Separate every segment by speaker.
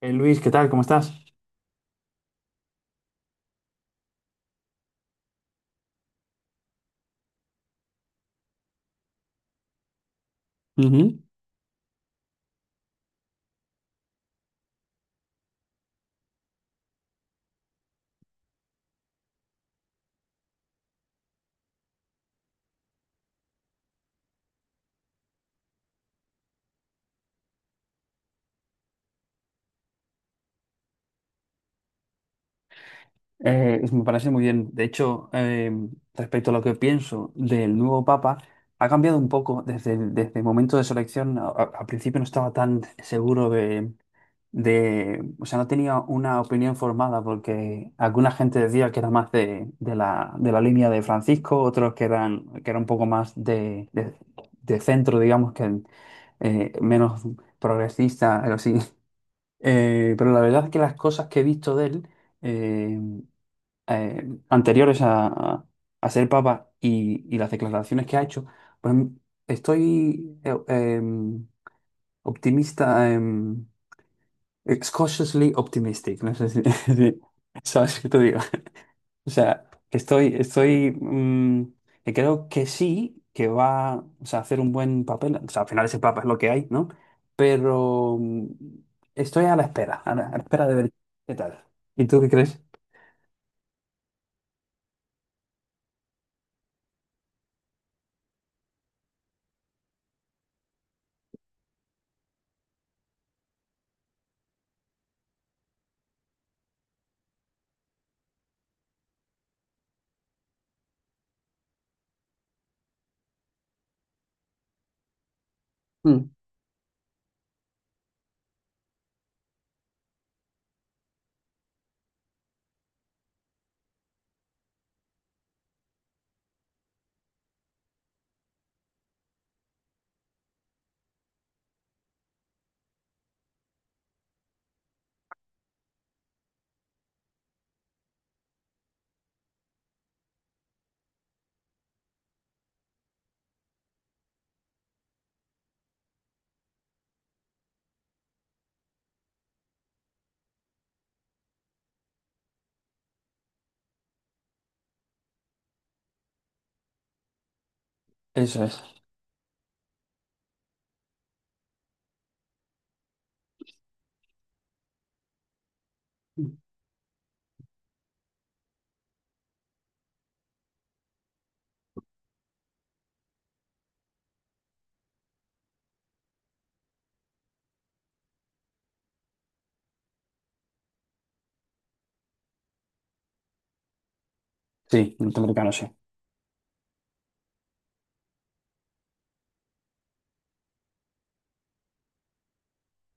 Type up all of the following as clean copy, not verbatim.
Speaker 1: Luis, ¿qué tal? ¿Cómo estás? Ujú. Me parece muy bien. De hecho, respecto a lo que pienso del nuevo Papa, ha cambiado un poco desde desde el momento de su elección. Al principio no estaba tan seguro de, o sea, no tenía una opinión formada porque alguna gente decía que era más de la línea de Francisco, otros que era un poco más de de centro, digamos, que menos progresista, algo así. Pero la verdad es que las cosas que he visto de él eh, anteriores a a ser papa y las declaraciones que ha hecho, pues estoy optimista, cautiously optimistic, no sé si, si- ¿sabes qué te digo? O sea, estoy, que creo que sí, que va, o sea, a hacer un buen papel. O sea, al final ese papa es lo que hay, ¿no? Pero estoy a la espera, a la espera de ver qué tal. ¿Y tú qué crees? Mm, eso es. Sí, norteamericano, sí.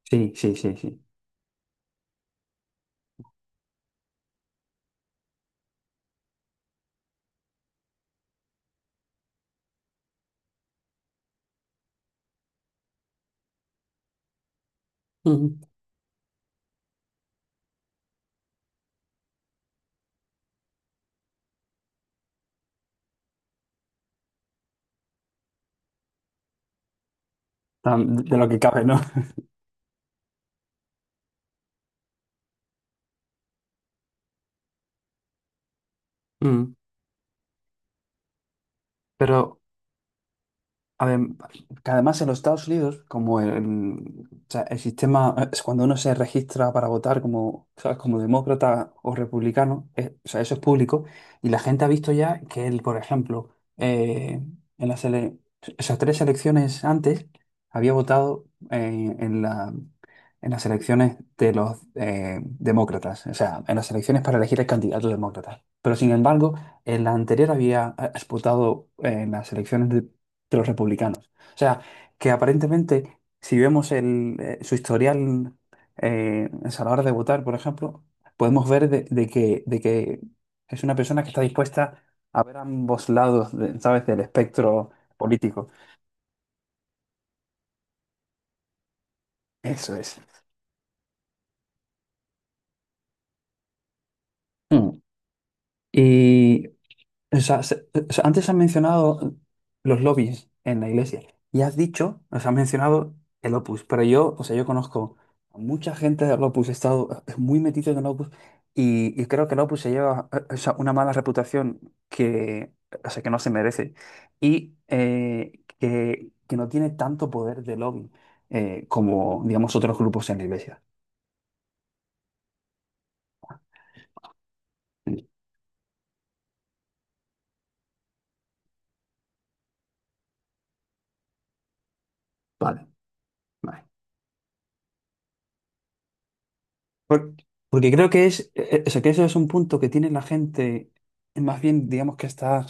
Speaker 1: Sí, sí, sí, sí. Mm. Tan- De lo que cabe, ¿no? Mm. Pero adem- que además en los Estados Unidos, como el, o sea, el sistema, es cuando uno se registra para votar como, ¿sabes?, como demócrata o republicano, o sea, eso es público, y la gente ha visto ya que él, por ejemplo, eh, en las ele- esas tres elecciones antes había votado eh, en la, en las elecciones de los demócratas, o sea, en las elecciones para elegir el candidato demócrata. Pero sin embargo, en la anterior había votado en las elecciones de los republicanos. O sea, que aparentemente, si vemos el, su historial eh, a la hora de votar, por ejemplo, podemos ver de que es una persona que está dispuesta a ver ambos lados, de- ¿sabes?, del espectro político. Eso es. Mm. Y o sea, se- o sea, antes has mencionado los lobbies en la iglesia y has dicho, o sea, has mencionado el Opus, pero yo, o sea, yo conozco a mucha gente del Opus, he estado muy metido en el Opus y creo que el Opus se lleva, o sea, una mala reputación que, o sea, que no se merece y que no tiene tanto poder de lobby como, digamos, otros grupos en la iglesia. Mm, vale, vale. Por- Porque creo que es, o sea, que eso es un punto que tiene la gente, más bien, digamos que está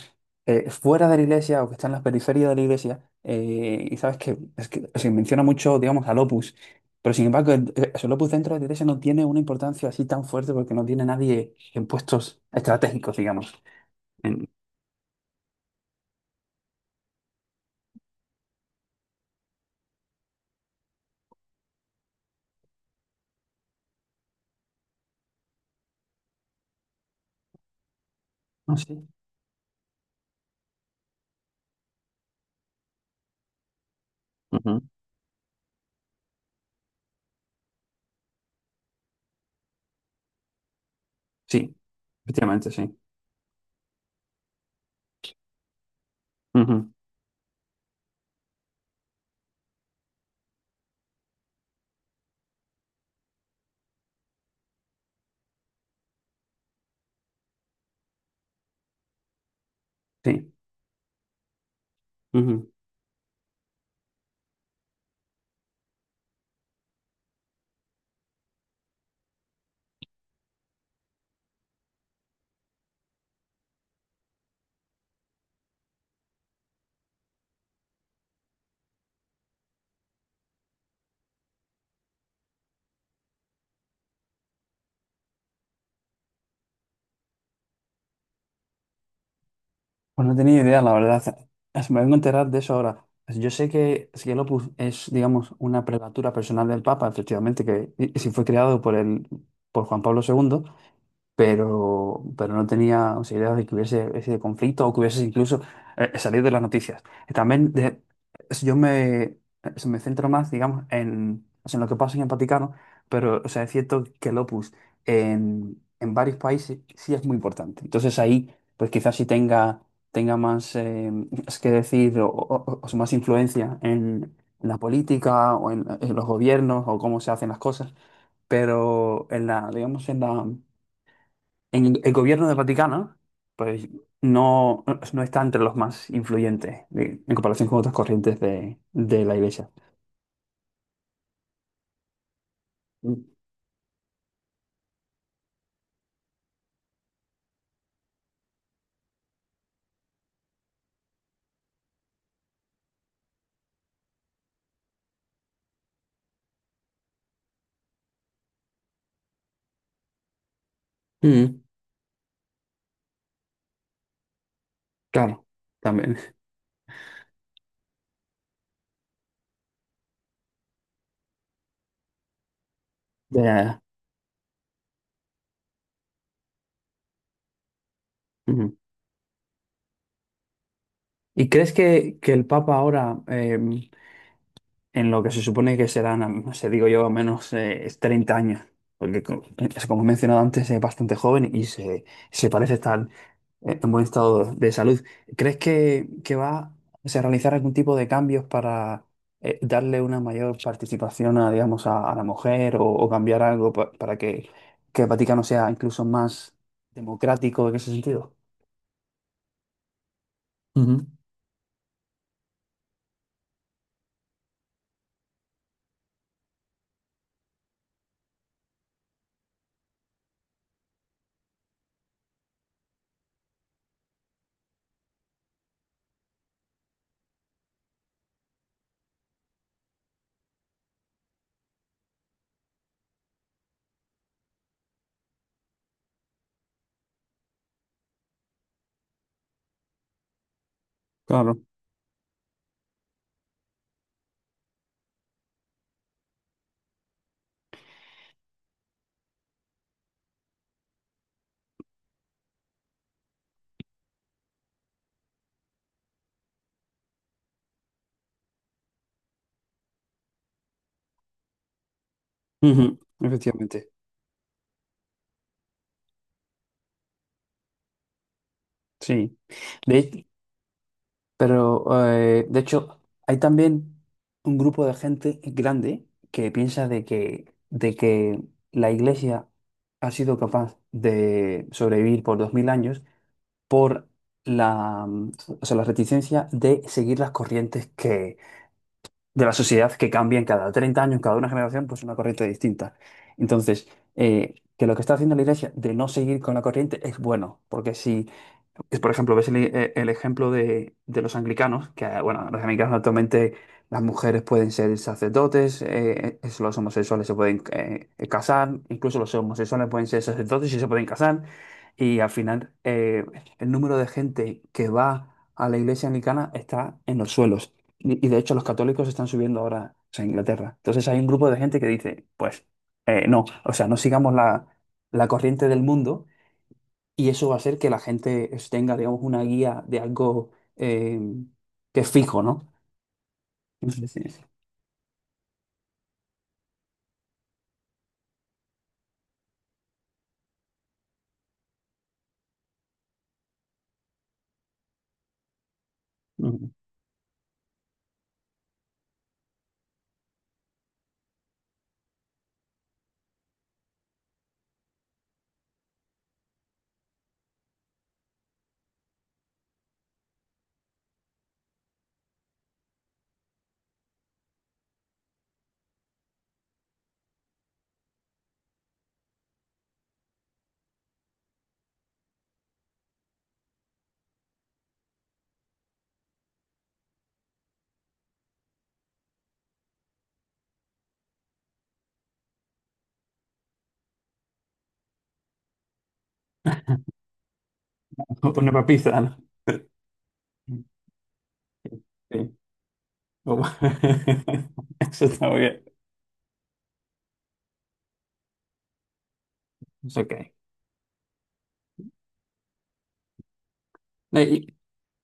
Speaker 1: fuera de la iglesia o que está en la periferia de la iglesia, y sabes que, es que se menciona mucho, digamos, al Opus, pero sin embargo, el Opus dentro de la iglesia no tiene una importancia así tan fuerte porque no tiene nadie en puestos estratégicos, digamos. En- no sé. Ujú, sí, efectivamente, sí. Ujú. Sí. Ujú. Pues no tenía idea, la verdad. Es- Me vengo a enterar de eso ahora. Pues yo sé que es que el Opus es, digamos, una prelatura personal del Papa, efectivamente, que y si fue creado por el, por Juan Pablo segundo, pero no tenía posibilidad de que hubiese ese conflicto o que hubiese incluso salido de las noticias. También de- es- yo me, es- me centro más, digamos, en, o sea, en lo que pasa en el Vaticano, pero o sea, es cierto que el Opus en varios países sí es muy importante. Entonces ahí, pues quizás sí tenga, tenga más es que decir o sea, más influencia en la política o en los gobiernos o cómo se hacen las cosas, pero en la, digamos, en la, en el gobierno del Vaticano, pues no, no está entre los más influyentes de- en comparación con otras corrientes de la iglesia. Mm, claro, también. Ya, ya, ya. Ujú. ¿Y crees que el Papa ahora, en lo que se supone que serán, no sé, digo yo, al menos 30 años? Porque, co- es como he mencionado antes, es bastante joven y se parece estar en buen estado de salud. ¿Crees que va a realizar algún tipo de cambios para darle una mayor participación a, digamos, a la mujer o cambiar algo pa- para que el Vaticano sea incluso más democrático en ese sentido? Ujú, claro, ujú, efectivamente. Sí. De, pero, de hecho, hay también un grupo de gente grande que piensa de que la Iglesia ha sido capaz de sobrevivir por 2000 años por la, o sea, la reticencia de seguir las corrientes que, de la sociedad que cambian cada 30 años, cada una generación, pues una corriente distinta. Entonces, que lo que está haciendo la Iglesia de no seguir con la corriente es bueno, porque si es, por ejemplo, ves el ejemplo de los anglicanos, que, bueno, los anglicanos actualmente las mujeres pueden ser sacerdotes, es- los homosexuales se pueden casar, incluso los homosexuales pueden ser sacerdotes y se pueden casar. Y al final, el número de gente que va a la iglesia anglicana está en los suelos. Y de hecho, los católicos están subiendo ahora, o sea, a Inglaterra. Entonces, hay un grupo de gente que dice, pues, no, o sea, no sigamos la, la corriente del mundo, y eso va a hacer que la gente es- tenga, digamos, una guía de algo que es fijo, ¿no? No sé si- Mm. Una papita, ¿no? Sí. Oh, eso está muy bien. Es ok. Y,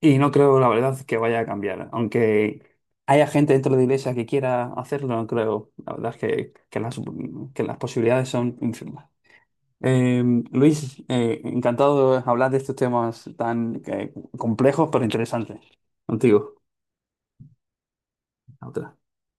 Speaker 1: y no creo, la verdad, que vaya a cambiar. Aunque haya gente dentro de la iglesia que quiera hacerlo, no creo. La verdad es que las posibilidades son infinitas. Eh, Luis, encantado de hablar de estos temas tan complejos pero interesantes contigo. A otra.